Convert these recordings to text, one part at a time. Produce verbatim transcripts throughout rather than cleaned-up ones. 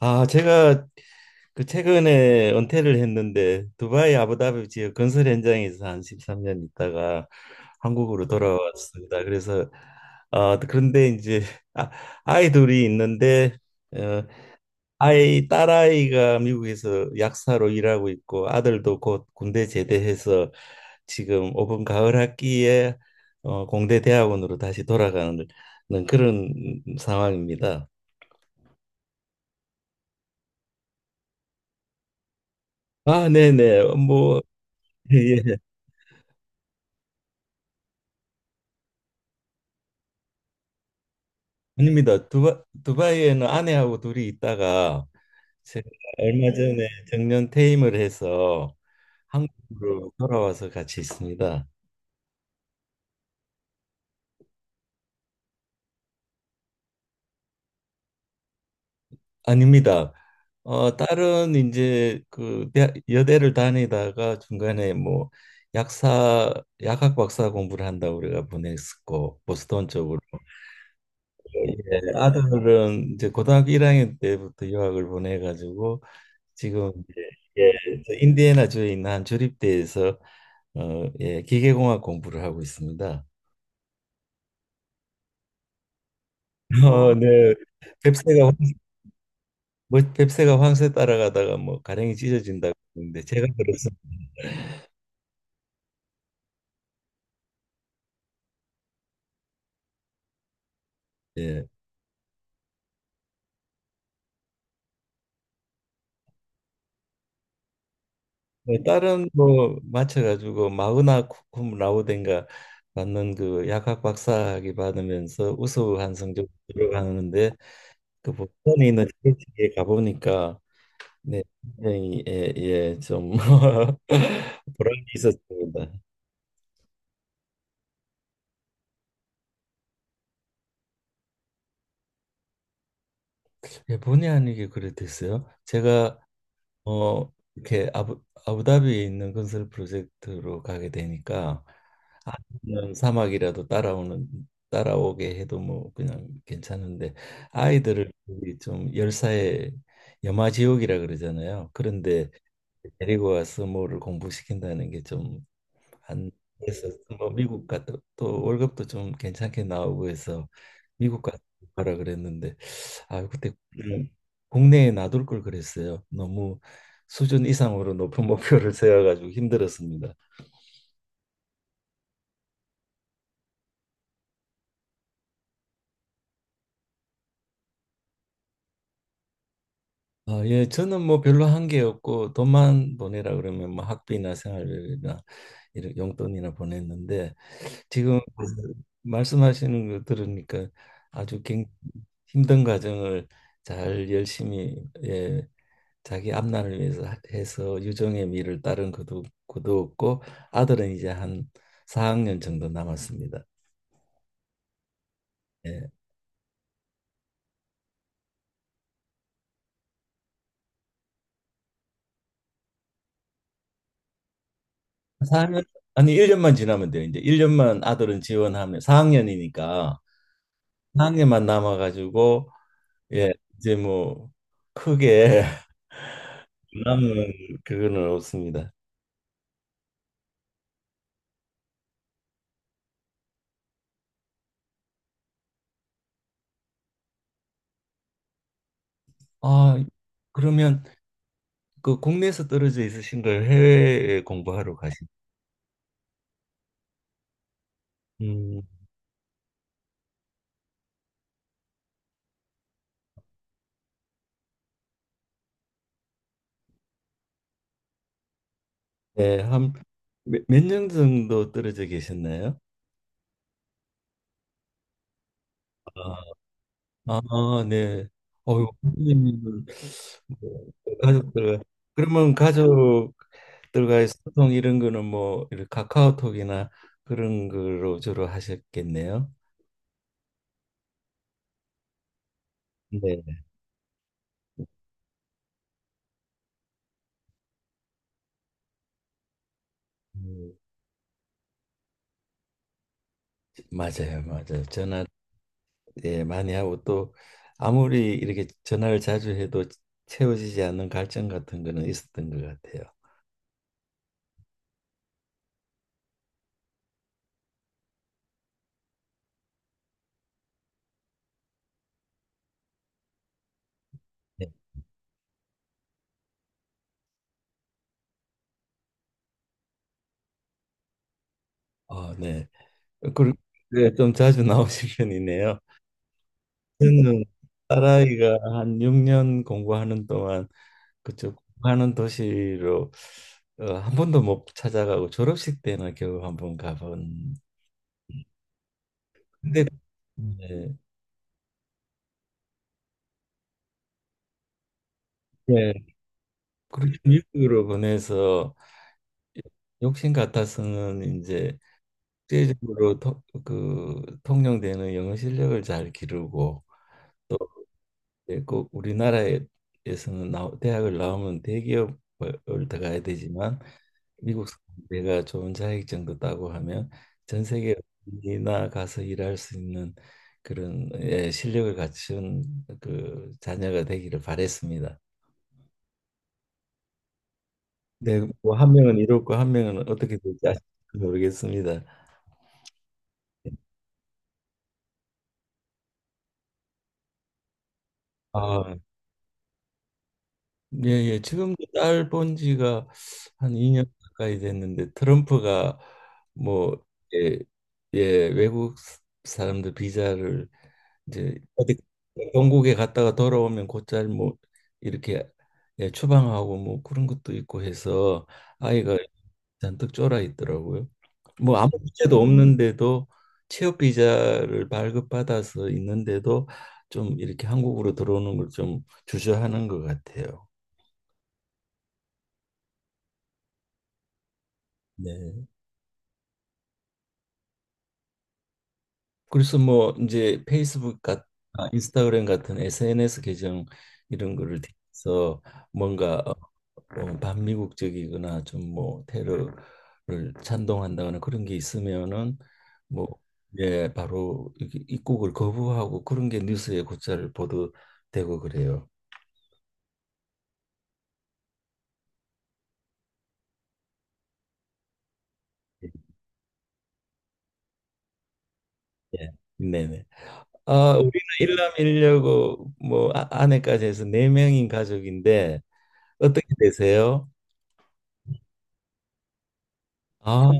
아, 제가 그 최근에 은퇴를 했는데 두바이 아부다비 지역 건설 현장에서 한 십삼 년 있다가 한국으로 음. 돌아왔습니다. 그래서 어, 그런데 이제 아, 아이 둘이 있는데 어, 아이 딸아이가 미국에서 약사로 일하고 있고 아들도 곧 군대 제대해서 지금 오번 가을 학기에 어, 공대 대학원으로 다시 돌아가는 그런 상황입니다. 아, 네네. 뭐 예. 아닙니다. 두바, 두바이에는 아내하고 둘이 있다가 제가 얼마 전에 정년 퇴임을 해서 한국으로 돌아와서 같이 있습니다. 아닙니다. 어, 딸은 이제 그 대- 여대를 다니다가 중간에 뭐 약사 약학 박사 공부를 한다고 우리가 보냈었고 보스턴 쪽으로. 예, 아들은 이제 고등학교 일 학년 때부터 유학을 보내가지고 지금 이제. 예, 저 인디애나주에 있는 한 조립대에서 어, 예, 기계공학 공부를 하고 있습니다. 어, 네. 뱁새가 황-. 뭐 뱁새가 황새 따라가다가 뭐 가랭이 찢어진다고 했는데 제가 들었어요. 예. 뭐 다른 뭐 맞춰가지고 마그나 쿰 라우덴가 받는 그 약학 박사학위 받으면서 우수한 성적 들어가는데 그스턴에 있는 지식에 가보니까 네, 굉장히 예, 예, 좀 보람이 있었습니다. 예, 본의 아니게 그래 됐어요. 제가 어 이렇게 아부 아부다비에 있는 건설 프로젝트로 가게 되니까 아니면 사막이라도 따라오는 따라오게 해도 뭐 그냥 괜찮은데 아이들을 거기 좀 열사의 염화지옥이라 그러잖아요. 그런데 데리고 와서 뭐를 공부시킨다는 게좀 한에서 뭐 미국 같은 또 월급도 좀 괜찮게 나오고 해서 미국 가 가라 그랬는데 아 그때 음, 국내에 놔둘 걸 그랬어요. 너무 수준 이상으로 높은 목표를 세워가지고 힘들었습니다. 아, 예, 저는 뭐 별로 한 게 없고 돈만 보내라 그러면 뭐 학비나 생활비나 이런 용돈이나 보냈는데 지금 그 말씀하시는 거 들으니까 아주 굉- 힘든 과정을 잘 열심히 예, 자기 앞날을 위해서 해서 유종의 미를 따른 그도 그도 없고 아들은 이제 한 사 학년 정도 남았습니다. 예. 사 학년 아니 일 년만 지나면 돼요. 이제 일 년만 아들은 지원하면 사 학년이니까 사 학년만 남아 가지고 예, 이제 뭐 크게 남은 그거는 없습니다. 아, 그러면 그 국내에서 떨어져 있으신 걸 해외에 공부하러 가신. 음. 네, 한 몇 년 정도 떨어져 계셨나요? 아, 아, 네. 어, 유 선생님은 뭐 가족들 그러면 가족들과의 소통 이런 거는 뭐 이렇게 카카오톡이나 그런 거로 주로 하셨겠네요. 네. 음, 맞아요, 맞아요. 전화 예 많이 하고 또 아무리 이렇게 전화를 자주 해도 채워지지 않는 갈증 같은 거는 있었던 것 같아요. 네. 어, 네. 그, 네, 좀 자주 나오신 편이네요. 저는 딸아이가 한 육 년 공부하는 동안 그쪽 공부하는 도시로 어, 한 번도 못 찾아가고 졸업식 때나 겨우 한 번 가본. 근데 네, 예, 그렇게 미국으로 보내서 욕심 같아서는 이제 국제적으로 통- 그 통용되는 영어 실력을 잘 기르고 예, 꼭 우리나라에서는 나, 대학을 나오면 대기업을 들어가야 되지만 미국 내가 좋은 자격증도 따고 하면 전 세계 어디나 가서 일할 수 있는 그런 예, 실력을 갖춘 그 자녀가 되기를 바랬습니다. 네, 뭐한 명은 이렇고 한 명은 어떻게 될지 아직 모르겠습니다. 아, 예, 예. 지금도 딸 본 지가 한 이 년 가까이 됐는데 트럼프가 뭐 예, 예, 외국 사람들 비자를 이제 어디 영국에 갔다가 돌아오면 곧잘 뭐 이렇게 예, 추방하고 뭐 그런 것도 있고 해서 아이가 잔뜩 쫄아 있더라고요. 뭐 아무 문제도 없는데도 취업 비자를 발급받아서 있는데도 좀 이렇게 한국으로 들어오는 걸 좀 주저하는 것 같아요. 네. 그래서 뭐 이제 페이스북 같 아, 인스타그램 같은 에스엔에스 계정 이런 거를 통해서 뭔가 어, 어, 반미국적이거나 좀 뭐 테러를 찬동한다거나 그런 게 있으면은 뭐 예, 바로 이렇게 입국을 거부하고 그런 게 뉴스에 곧잘 보도되고 그래요. 예. 예. 네네. 아, 우리는 일남일녀고 뭐 아, 아내까지 해서 네 명인 가족인데 어떻게 되세요? 아,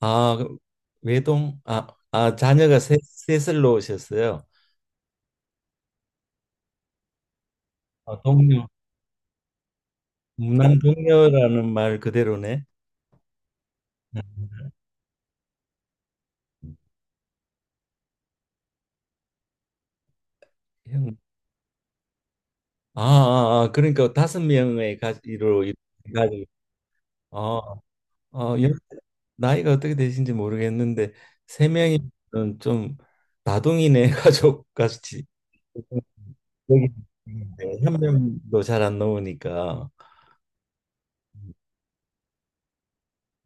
아, 그 외동, 아, 아, 자녀가 셋, 셋을 놓으셨어요. 아, 동료, 무난 동료라는 말 그대로네. 음. 형, 아, 아, 아, 그러니까 다섯 명의 가지로 이렇게 가지고, 어, 어, 연- 나이가 어떻게 되신지 모르겠는데 세 명이면 좀 다둥이네 가족 같이 여기 있는데 한 명도 잘 안 나오니까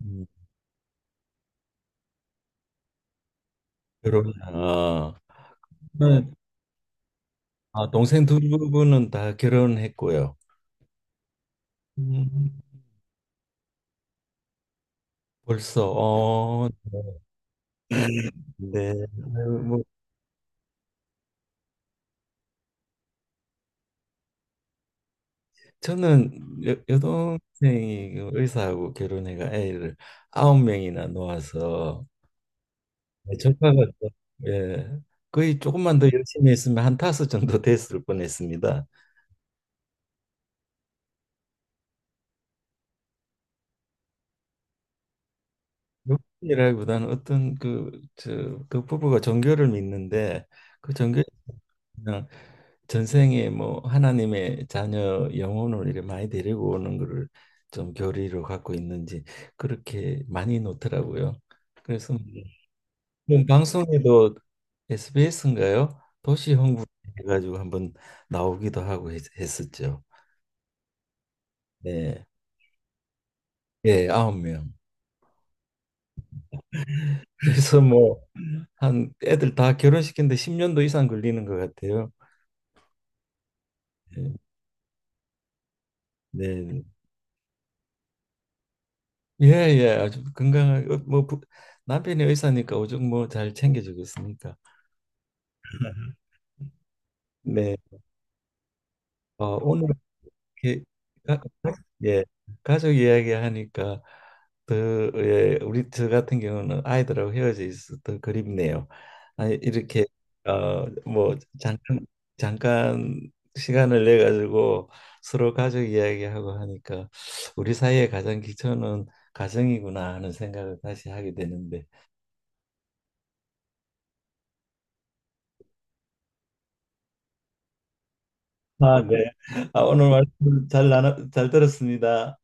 음, 결혼. 아, 아, 동생 두 분은 다 결혼했고요. 음, 벌써 어, 네. 아유, 뭐 저는 여, 여동생이 그 의사하고 결혼해가 애를 아홉 명이나 놓아서 조카가 또, 예, 거의 조금만 더 열심히 했으면 한 다섯 정도 됐을 뻔했습니다. 욕심이라기보다는 어떤 그, 저, 그 부부가 종교를 믿는데 그 종교 그냥 전생에 뭐 하나님의 자녀 영혼을 이렇게 많이 데리고 오는 거를 좀 교리로 갖고 있는지 그렇게 많이 놓더라고요. 그래서 뭐 방송에도 에스비에스인가요? 도시 홍보 해가지고 한번 나오기도 하고 했, 했었죠. 네, 예, 아홉 명. 그래서 뭐 한 애들 다 결혼시키는데 십 년도 이상 걸리는 것 같아요. 네, 네. 예, 예, 아주 건강하게 어, 뭐 부- 남편이 의사니까 오죽 뭐 잘 챙겨주겠습니까? 네, 어, 오늘 이렇게 가, 예 가족 이야기 하니까 더 예, 우리 저 같은 경우는 아이들하고 헤어져 있어 더 그립네요. 아니 이렇게 어 뭐 잠깐 잠깐 시간을 내 가지고 서로 가족 이야기하고 하니까 우리 사이의 가장 기초는 가정이구나 하는 생각을 다시 하게 되는데. 아, 네. 아, 오늘 말씀 잘 나눠, 잘 들었습니다.